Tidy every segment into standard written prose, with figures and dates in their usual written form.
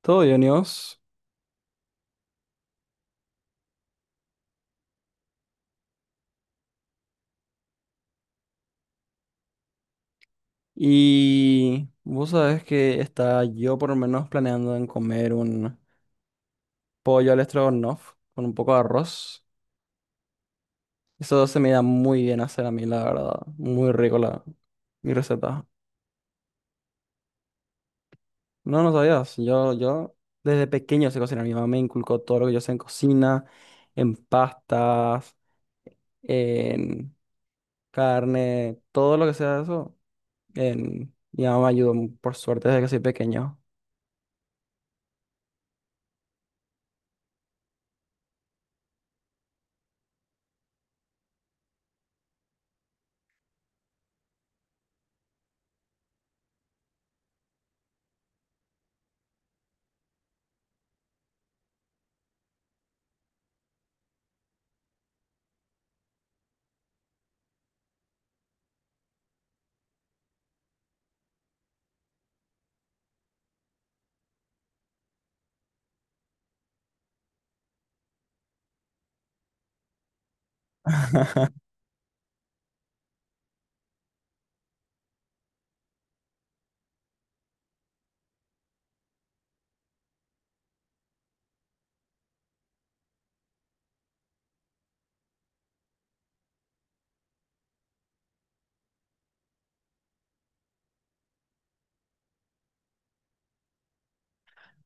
Todo bien, Dios. Y vos sabés que está yo por lo menos planeando en comer un pollo al estrogonoff con un poco de arroz. Eso se me da muy bien hacer a mí, la verdad. Muy rico la mi receta. No, no sabías. Yo desde pequeño sé cocinar. Mi mamá me inculcó todo lo que yo sé en cocina, en pastas, en carne, todo lo que sea eso. En... Mi mamá me ayudó, por suerte, desde que soy pequeño.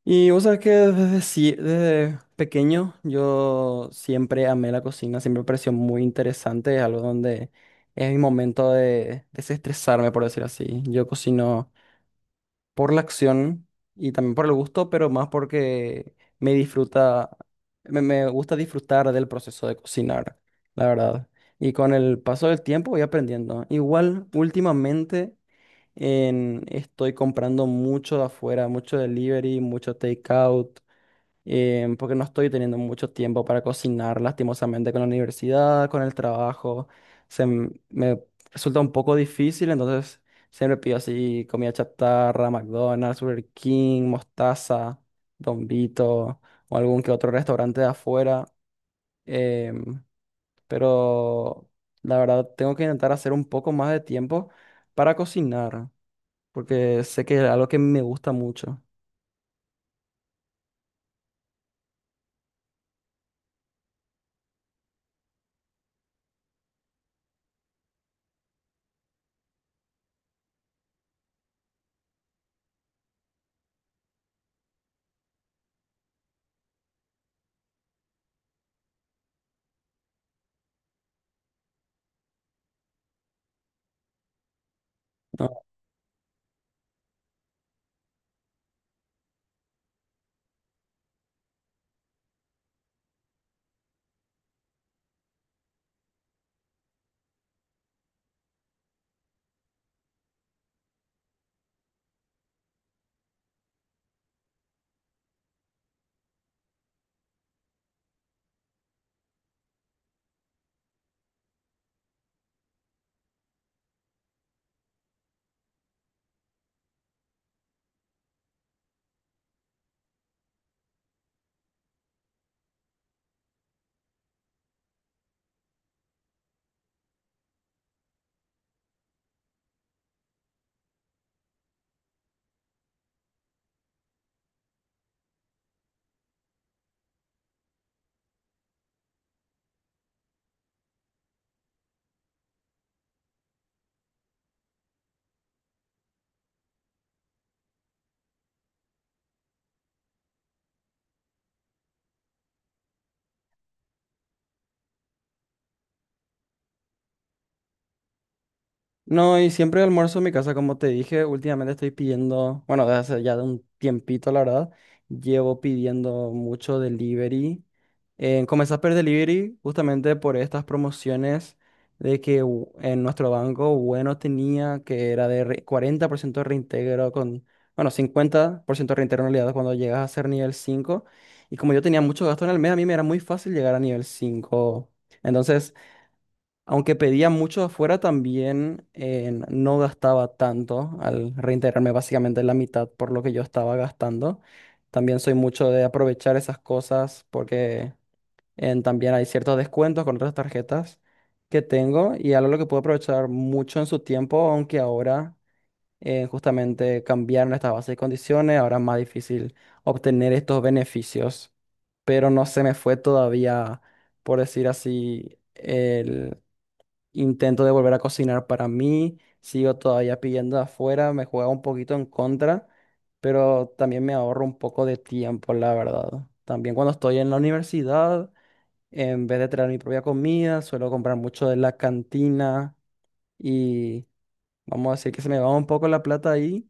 Y vos sabés que desde pequeño yo siempre amé la cocina, siempre me pareció muy interesante, es algo donde es mi momento de desestresarme, por decir así. Yo cocino por la acción y también por el gusto, pero más porque me disfruta, me gusta disfrutar del proceso de cocinar, la verdad. Y con el paso del tiempo voy aprendiendo. Igual, últimamente estoy comprando mucho de afuera, mucho delivery, mucho takeout, porque no estoy teniendo mucho tiempo para cocinar, lastimosamente, con la universidad, con el trabajo. Me resulta un poco difícil, entonces siempre pido así comida chatarra, McDonald's, Burger King, Mostaza, Don Vito o algún que otro restaurante de afuera. em, pero la verdad tengo que intentar hacer un poco más de tiempo para cocinar, porque sé que es algo que me gusta mucho. ¿No? No, y siempre almuerzo en mi casa, como te dije, últimamente estoy pidiendo, bueno, desde hace ya de un tiempito, la verdad, llevo pidiendo mucho delivery. Comencé a pedir delivery justamente por estas promociones de que en nuestro banco Bueno tenía, que era de 40% de reintegro con, bueno, 50% de reintegro en realidad cuando llegas a ser nivel 5. Y como yo tenía mucho gasto en el mes, a mí me era muy fácil llegar a nivel 5. Entonces... Aunque pedía mucho afuera, también no gastaba tanto al reintegrarme básicamente la mitad por lo que yo estaba gastando. También soy mucho de aprovechar esas cosas porque también hay ciertos descuentos con otras tarjetas que tengo y algo lo que puedo aprovechar mucho en su tiempo, aunque ahora justamente cambiaron estas bases y condiciones, ahora es más difícil obtener estos beneficios, pero no se me fue todavía, por decir así. Intento de volver a cocinar para mí, sigo todavía pidiendo de afuera, me juega un poquito en contra, pero también me ahorro un poco de tiempo, la verdad. También cuando estoy en la universidad, en vez de traer mi propia comida, suelo comprar mucho de la cantina y vamos a decir que se me va un poco la plata ahí,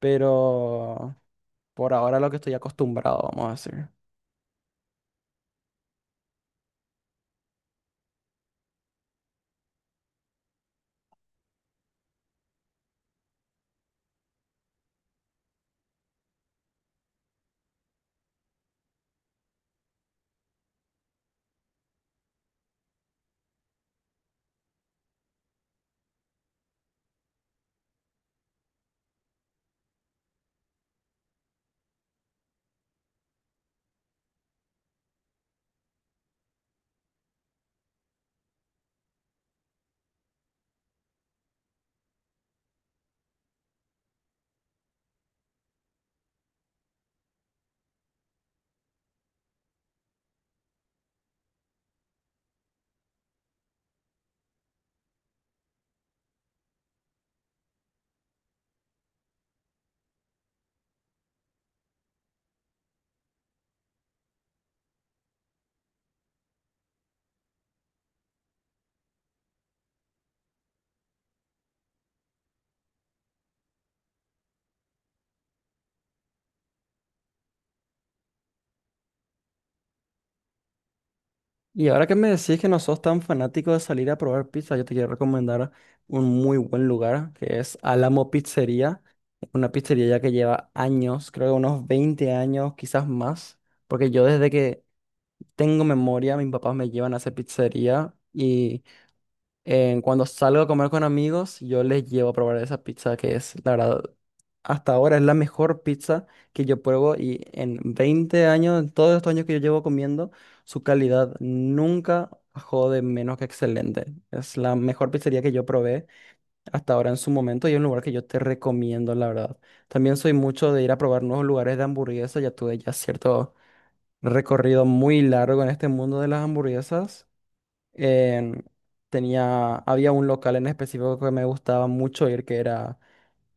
pero por ahora lo que estoy acostumbrado, vamos a decir. Y ahora que me decís que no sos tan fanático de salir a probar pizza, yo te quiero recomendar un muy buen lugar que es Alamo Pizzería. Una pizzería ya que lleva años, creo que unos 20 años, quizás más. Porque yo desde que tengo memoria, mis papás me llevan a esa pizzería y en cuando salgo a comer con amigos, yo les llevo a probar esa pizza que es, la verdad, hasta ahora es la mejor pizza que yo pruebo y en 20 años, en todos estos años que yo llevo comiendo, su calidad nunca bajó de menos que excelente. Es la mejor pizzería que yo probé hasta ahora en su momento y es un lugar que yo te recomiendo, la verdad. También soy mucho de ir a probar nuevos lugares de hamburguesas, ya tuve ya cierto recorrido muy largo en este mundo de las hamburguesas en- tenía, había un local en específico que me gustaba mucho ir, que era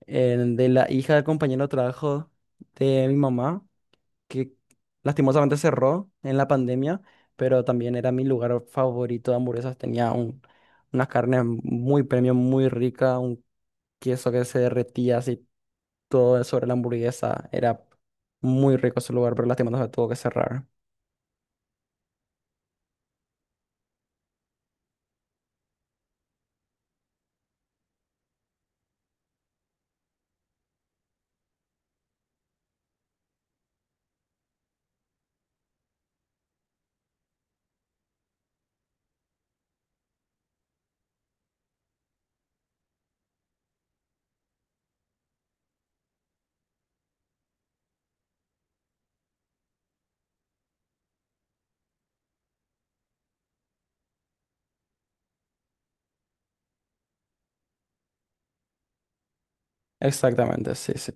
el de la hija del compañero de trabajo de mi mamá, que lastimosamente cerró en la pandemia, pero también era mi lugar favorito de hamburguesas. Tenía un, unas carnes muy premium, muy rica, un queso que se derretía así todo sobre la hamburguesa. Era muy rico ese lugar, pero lastimosamente tuvo que cerrar. Exactamente, sí, sí.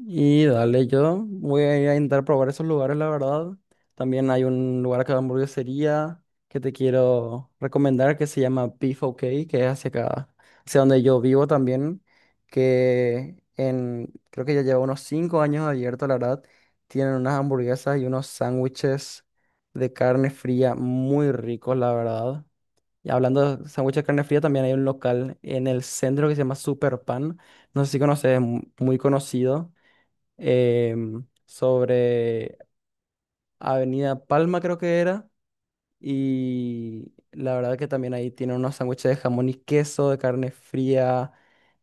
Y dale, yo voy a ir a intentar probar esos lugares, la verdad. También hay un lugar acá de hamburguesería que te quiero recomendar que se llama Beef OK, que es hacia acá, hacia donde yo vivo también, que en, creo que ya lleva unos 5 años abierto, la verdad. Tienen unas hamburguesas y unos sándwiches de carne fría muy ricos, la verdad. Y hablando de sándwiches de carne fría, también hay un local en el centro que se llama Super Pan. No sé si conoces, es muy conocido, sobre Avenida Palma, creo que era. Y la verdad que también ahí tiene unos sándwiches de jamón y queso, de carne fría,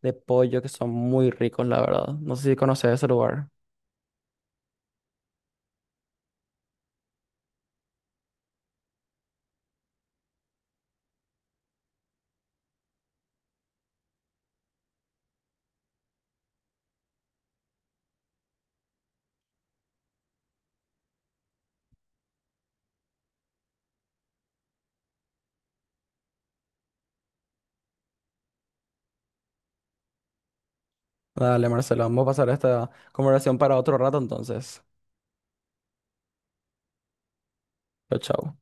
de pollo, que son muy ricos, la verdad. No sé si conoces ese lugar. Dale, Marcelo, vamos a pasar esta conversación para otro rato entonces. Chao, chao.